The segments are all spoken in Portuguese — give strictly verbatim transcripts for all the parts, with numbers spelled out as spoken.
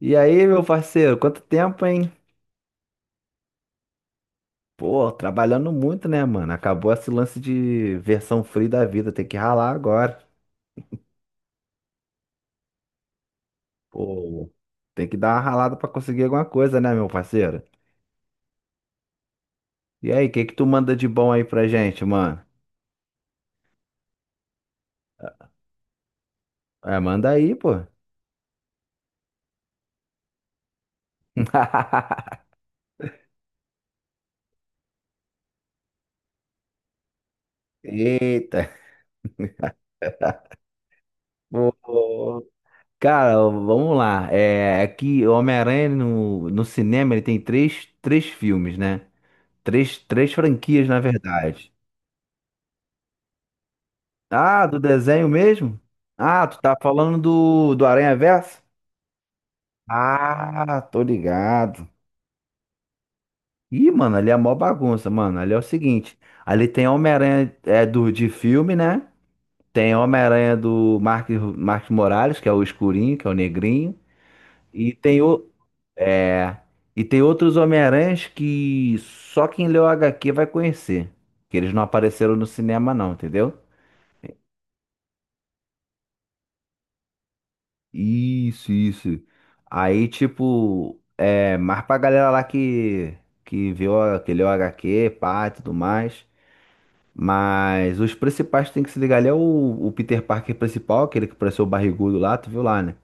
E aí, meu parceiro, quanto tempo, hein? Pô, trabalhando muito, né, mano? Acabou esse lance de versão free da vida, tem que ralar agora. Pô, tem que dar uma ralada pra conseguir alguma coisa, né, meu parceiro? E aí, o que que tu manda de bom aí pra gente, mano? É, manda aí, pô. Eita. Pô. Cara, vamos lá. É, aqui, o Homem-Aranha no, no cinema, ele tem três, três filmes, né? Três, três franquias, na verdade. Ah, do desenho mesmo? Ah, tu tá falando do, do Aranha Verso? Ah, tô ligado. Ih, mano, ali é mó bagunça, mano. Ali é o seguinte: ali tem Homem-Aranha é, do, de filme, né? Tem Homem-Aranha do Mark, Mark Morales, que é o escurinho, que é o negrinho. E tem o. É. E tem outros Homem-Aranhas que só quem leu agá quê vai conhecer. Que eles não apareceram no cinema, não, entendeu? Isso, isso. Aí, tipo, é mais pra galera lá que, que viu aquele agá quê, pá, e tudo mais. Mas os principais que tem que se ligar ali é o, o Peter Parker principal, aquele que pareceu o barrigudo lá, tu viu lá, né?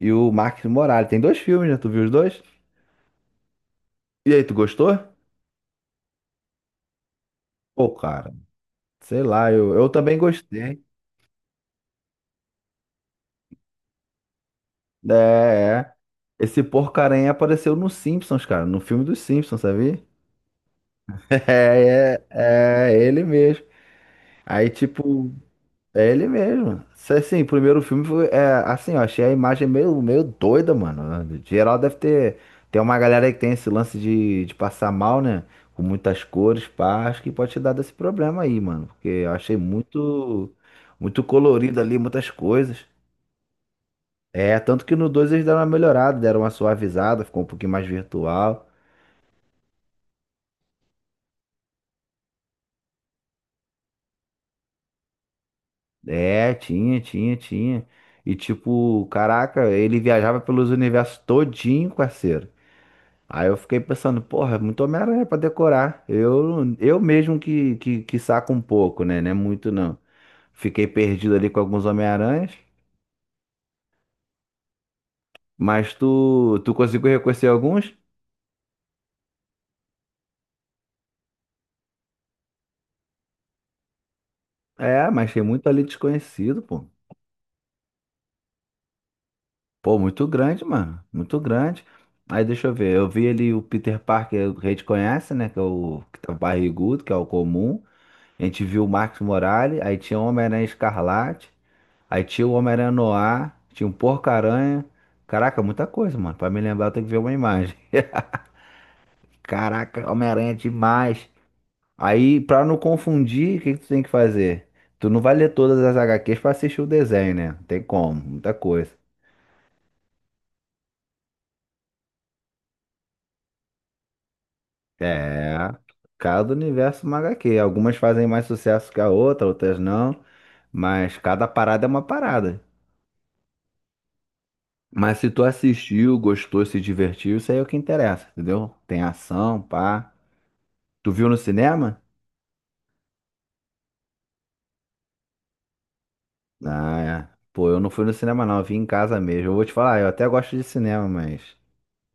E o Marcos Morales. Tem dois filmes, né? Tu viu os dois? E aí, tu gostou? Pô, cara, sei lá, eu, eu também gostei. É, é. Esse porcaranha apareceu no Simpsons, cara, no filme dos Simpsons, sabia? É, é, é ele mesmo. Aí, tipo. É ele mesmo. Se- Assim, o primeiro filme foi. É, assim, eu achei a imagem meio, meio doida, mano. Geral deve ter. Tem uma galera aí que tem esse lance de, de passar mal, né? Com muitas cores, pá. Acho que pode ter dado esse problema aí, mano. Porque eu achei muito. Muito colorido ali, muitas coisas. É, tanto que no dois eles deram uma melhorada, deram uma suavizada, ficou um pouquinho mais virtual. É, tinha, tinha, tinha. E tipo, caraca, ele viajava pelos universos todinho, parceiro. Aí eu fiquei pensando, porra, é muito Homem-Aranha pra decorar. Eu, eu mesmo que, que, que saco um pouco, né? Não é muito não. Fiquei perdido ali com alguns Homem-Aranhas, mas tu, tu conseguiu reconhecer alguns? É, mas tem muito ali desconhecido, pô. Pô, muito grande, mano. Muito grande. Aí deixa eu ver, eu vi ali o Peter Parker, que a gente conhece, né? Que é o que tá barrigudo, que é o comum. A gente viu o Max Morales, aí tinha o Homem-Aranha Escarlate. Aí tinha o Homem-Aranha no tinha um Porco-Aranha. Caraca, muita coisa, mano. Pra me lembrar, eu tenho que ver uma imagem. Caraca, Homem-Aranha é demais. Aí, pra não confundir, o que que tu tem que fazer? Tu não vai ler todas as agá quês pra assistir o desenho, né? Não tem como, muita coisa. É, cada universo é uma agá quê. Algumas fazem mais sucesso que a outra, outras não. Mas cada parada é uma parada. Mas se tu assistiu, gostou, se divertiu, isso aí é o que interessa, entendeu? Tem ação, pá. Tu viu no cinema? Ah, é. Pô, eu não fui no cinema, não. Eu vim em casa mesmo. Eu vou te falar, eu até gosto de cinema, mas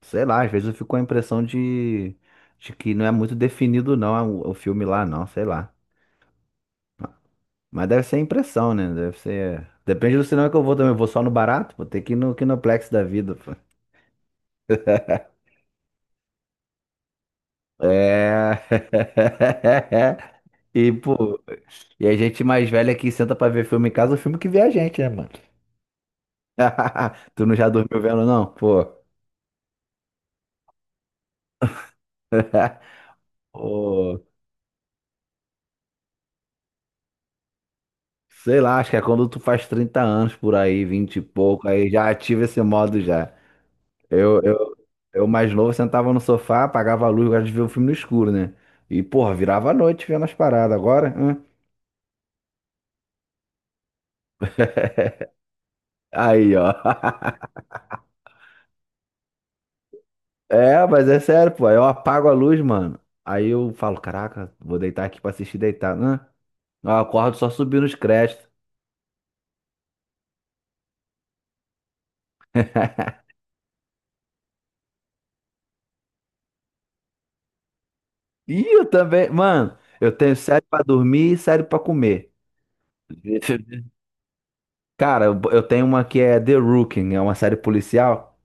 sei lá, às vezes eu fico com a impressão de, de que não é muito definido, não, é o o filme lá, não, sei lá. Mas deve ser impressão, né? Deve ser. Depende do cinema que eu vou também. Eu vou só no barato, vou ter que ir no Kinoplex da vida, pô. É. E, pô, e a gente mais velha que senta pra ver filme em casa, o filme que vê a gente, né, mano? Tu não já dormiu vendo, não? Pô. Ô, Sei lá, acho que é quando tu faz trinta anos por aí, vinte e pouco, aí já ativa esse modo já. Eu, eu, eu mais novo sentava no sofá, apagava a luz, eu gosto de ver o filme no escuro, né? E, porra, virava a noite vendo as paradas. Agora, hã? Aí, ó. É, mas é sério, pô. Eu apago a luz, mano. Aí eu falo, caraca, vou deitar aqui pra assistir deitado. Hã? Eu acordo só subindo os créditos. Ih, eu também. Mano, eu tenho série pra dormir e série pra comer. Cara, eu eu tenho uma que é The Rookie, é uma série policial.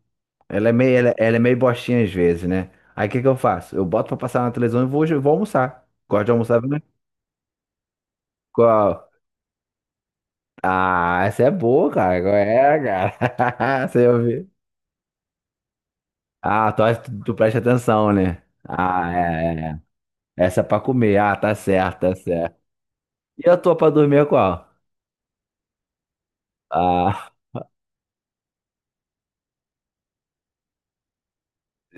Ela é meio, ela, ela é meio bostinha às vezes, né? Aí o que que eu faço? Eu boto pra passar na televisão e vou, vou almoçar. Gosto de almoçar, né? Qual? Ah, essa é boa, cara. Qual é, cara? Você ouviu? Ah, tu, tu tu presta atenção, né? Ah, é, é, é. Essa é pra comer. Ah, tá certo, tá certo. E a tua pra dormir é qual? Ah.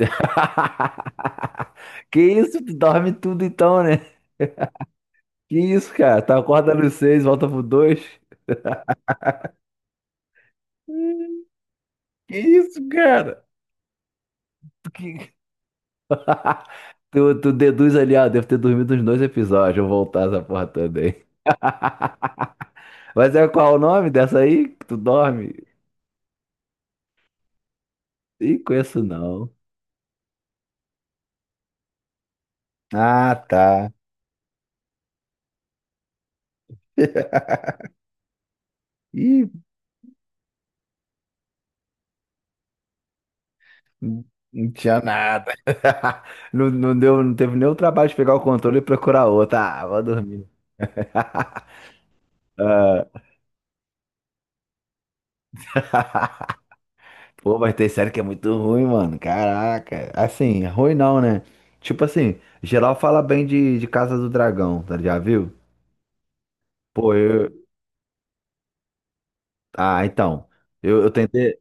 Que isso? Tu dorme tudo então, né? Que isso, cara? Tu acorda nos seis, volta pro dois. Que isso, cara? Tu, que- tu- tu deduz ali, ah, devo ter dormido uns dois episódios, eu vou voltar essa porra toda aí. Mas é qual o nome dessa aí que tu dorme? Ih, conheço não. Ah, tá. Ih, não não tinha nada. Não, não deu, não teve nem o trabalho de pegar o controle e procurar outra. Ah, vou dormir. Ah, pô, mas tem série que é muito ruim, mano. Caraca. Assim, ruim não, né? Tipo assim, geral fala bem de, de Casa do Dragão, tá? Já viu? Pô, eu. Ah, então. Eu, eu tentei.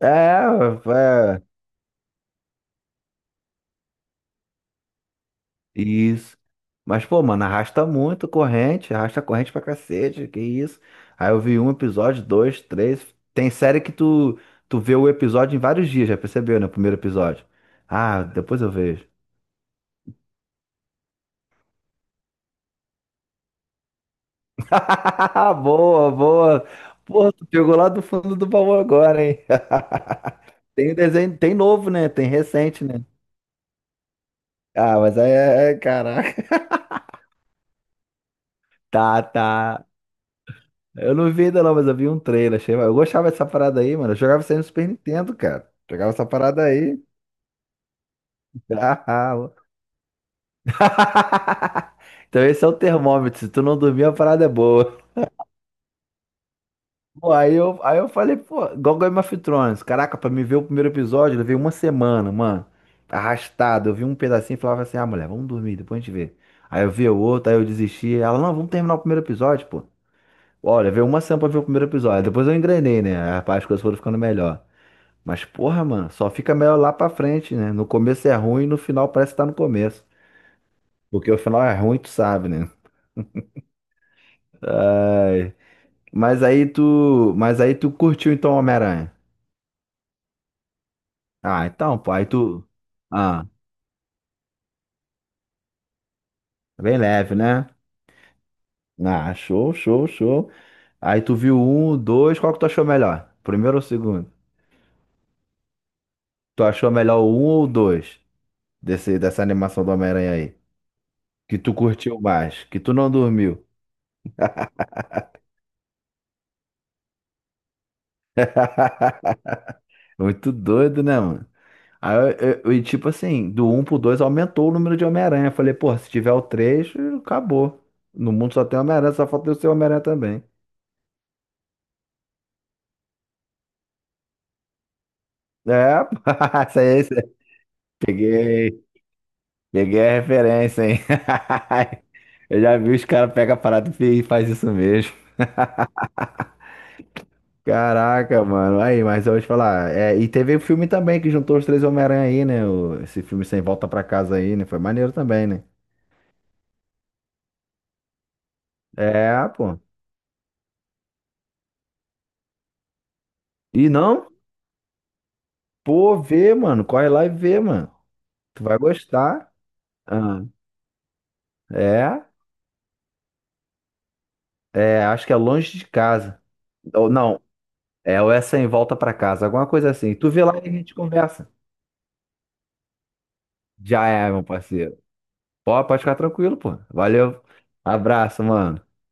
É, é, isso. Mas, pô, mano, arrasta muito corrente, arrasta corrente pra cacete, que isso. Aí eu vi um episódio, dois, três. Tem série que tu, tu vê o episódio em vários dias, já percebeu, né? O primeiro episódio. Ah, depois eu vejo. Boa, boa. Pô, tu pegou lá do fundo do baú agora, hein? Tem um desenho, tem novo, né? Tem recente, né? Ah, mas aí é, é, caraca. Tá, tá. Eu não vi ainda não, mas eu vi um trailer, achei. Eu gostava dessa parada aí, mano. Eu jogava isso aí no Super Nintendo, cara. Jogava essa parada aí. Ah, mano. Então esse é o termômetro. Se tu não dormir, a parada é boa. Pô, aí eu, aí eu falei, pô, igual Game of Thrones. Caraca, pra me ver o primeiro episódio, eu levei uma semana, mano. Arrastado. Eu vi um pedacinho e falava assim, ah, mulher, vamos dormir, depois a gente vê. Aí eu vi o outro, aí eu desisti. Ela, não, vamos terminar o primeiro episódio, pô. Olha, veio uma semana pra ver o primeiro episódio. Depois eu engrenei, né? Aí, Rapaz, as coisas foram ficando melhor. Mas, porra, mano, só fica melhor lá pra frente, né? No começo é ruim, no final parece que tá no começo. Porque o final é ruim, tu sabe, né? Ai. Mas aí tu. Mas aí tu curtiu então Homem-Aranha. Ah, então, pô, aí tu. Ah, tá bem leve, né? Ah, show, show, show. Aí tu viu um, dois, qual que tu achou melhor? Primeiro ou segundo? Tu achou melhor o um ou o dois? Desse, dessa animação do Homem-Aranha aí? Que tu curtiu mais, que tu não dormiu. Muito doido, né, mano? Aí, eu- eu- e tipo assim, do um pro dois aumentou o número de Homem-Aranha. Eu Falei, pô, se tiver o três acabou. No mundo só tem Homem-Aranha, só falta eu ser Homem-Aranha também. É, pô, isso aí, isso aí. Peguei, peguei a referência, hein? Eu já vi os caras pegam a parada e faz isso mesmo. Caraca, mano. Aí, mas eu vou te falar. É, e teve o filme também que juntou os três Homem-Aranha aí, né? O- esse filme Sem Volta Pra Casa aí, né? Foi maneiro também, né? É, pô. E não? Pô, vê, mano. Corre lá e vê, mano. Tu vai gostar. Ah, é, é, acho que é longe de casa. Ou não, é ou essa em volta pra casa, alguma coisa assim. Tu vê lá e a gente conversa. Já é, meu parceiro. Pô, pode ficar tranquilo, pô. Valeu. Abraço, mano.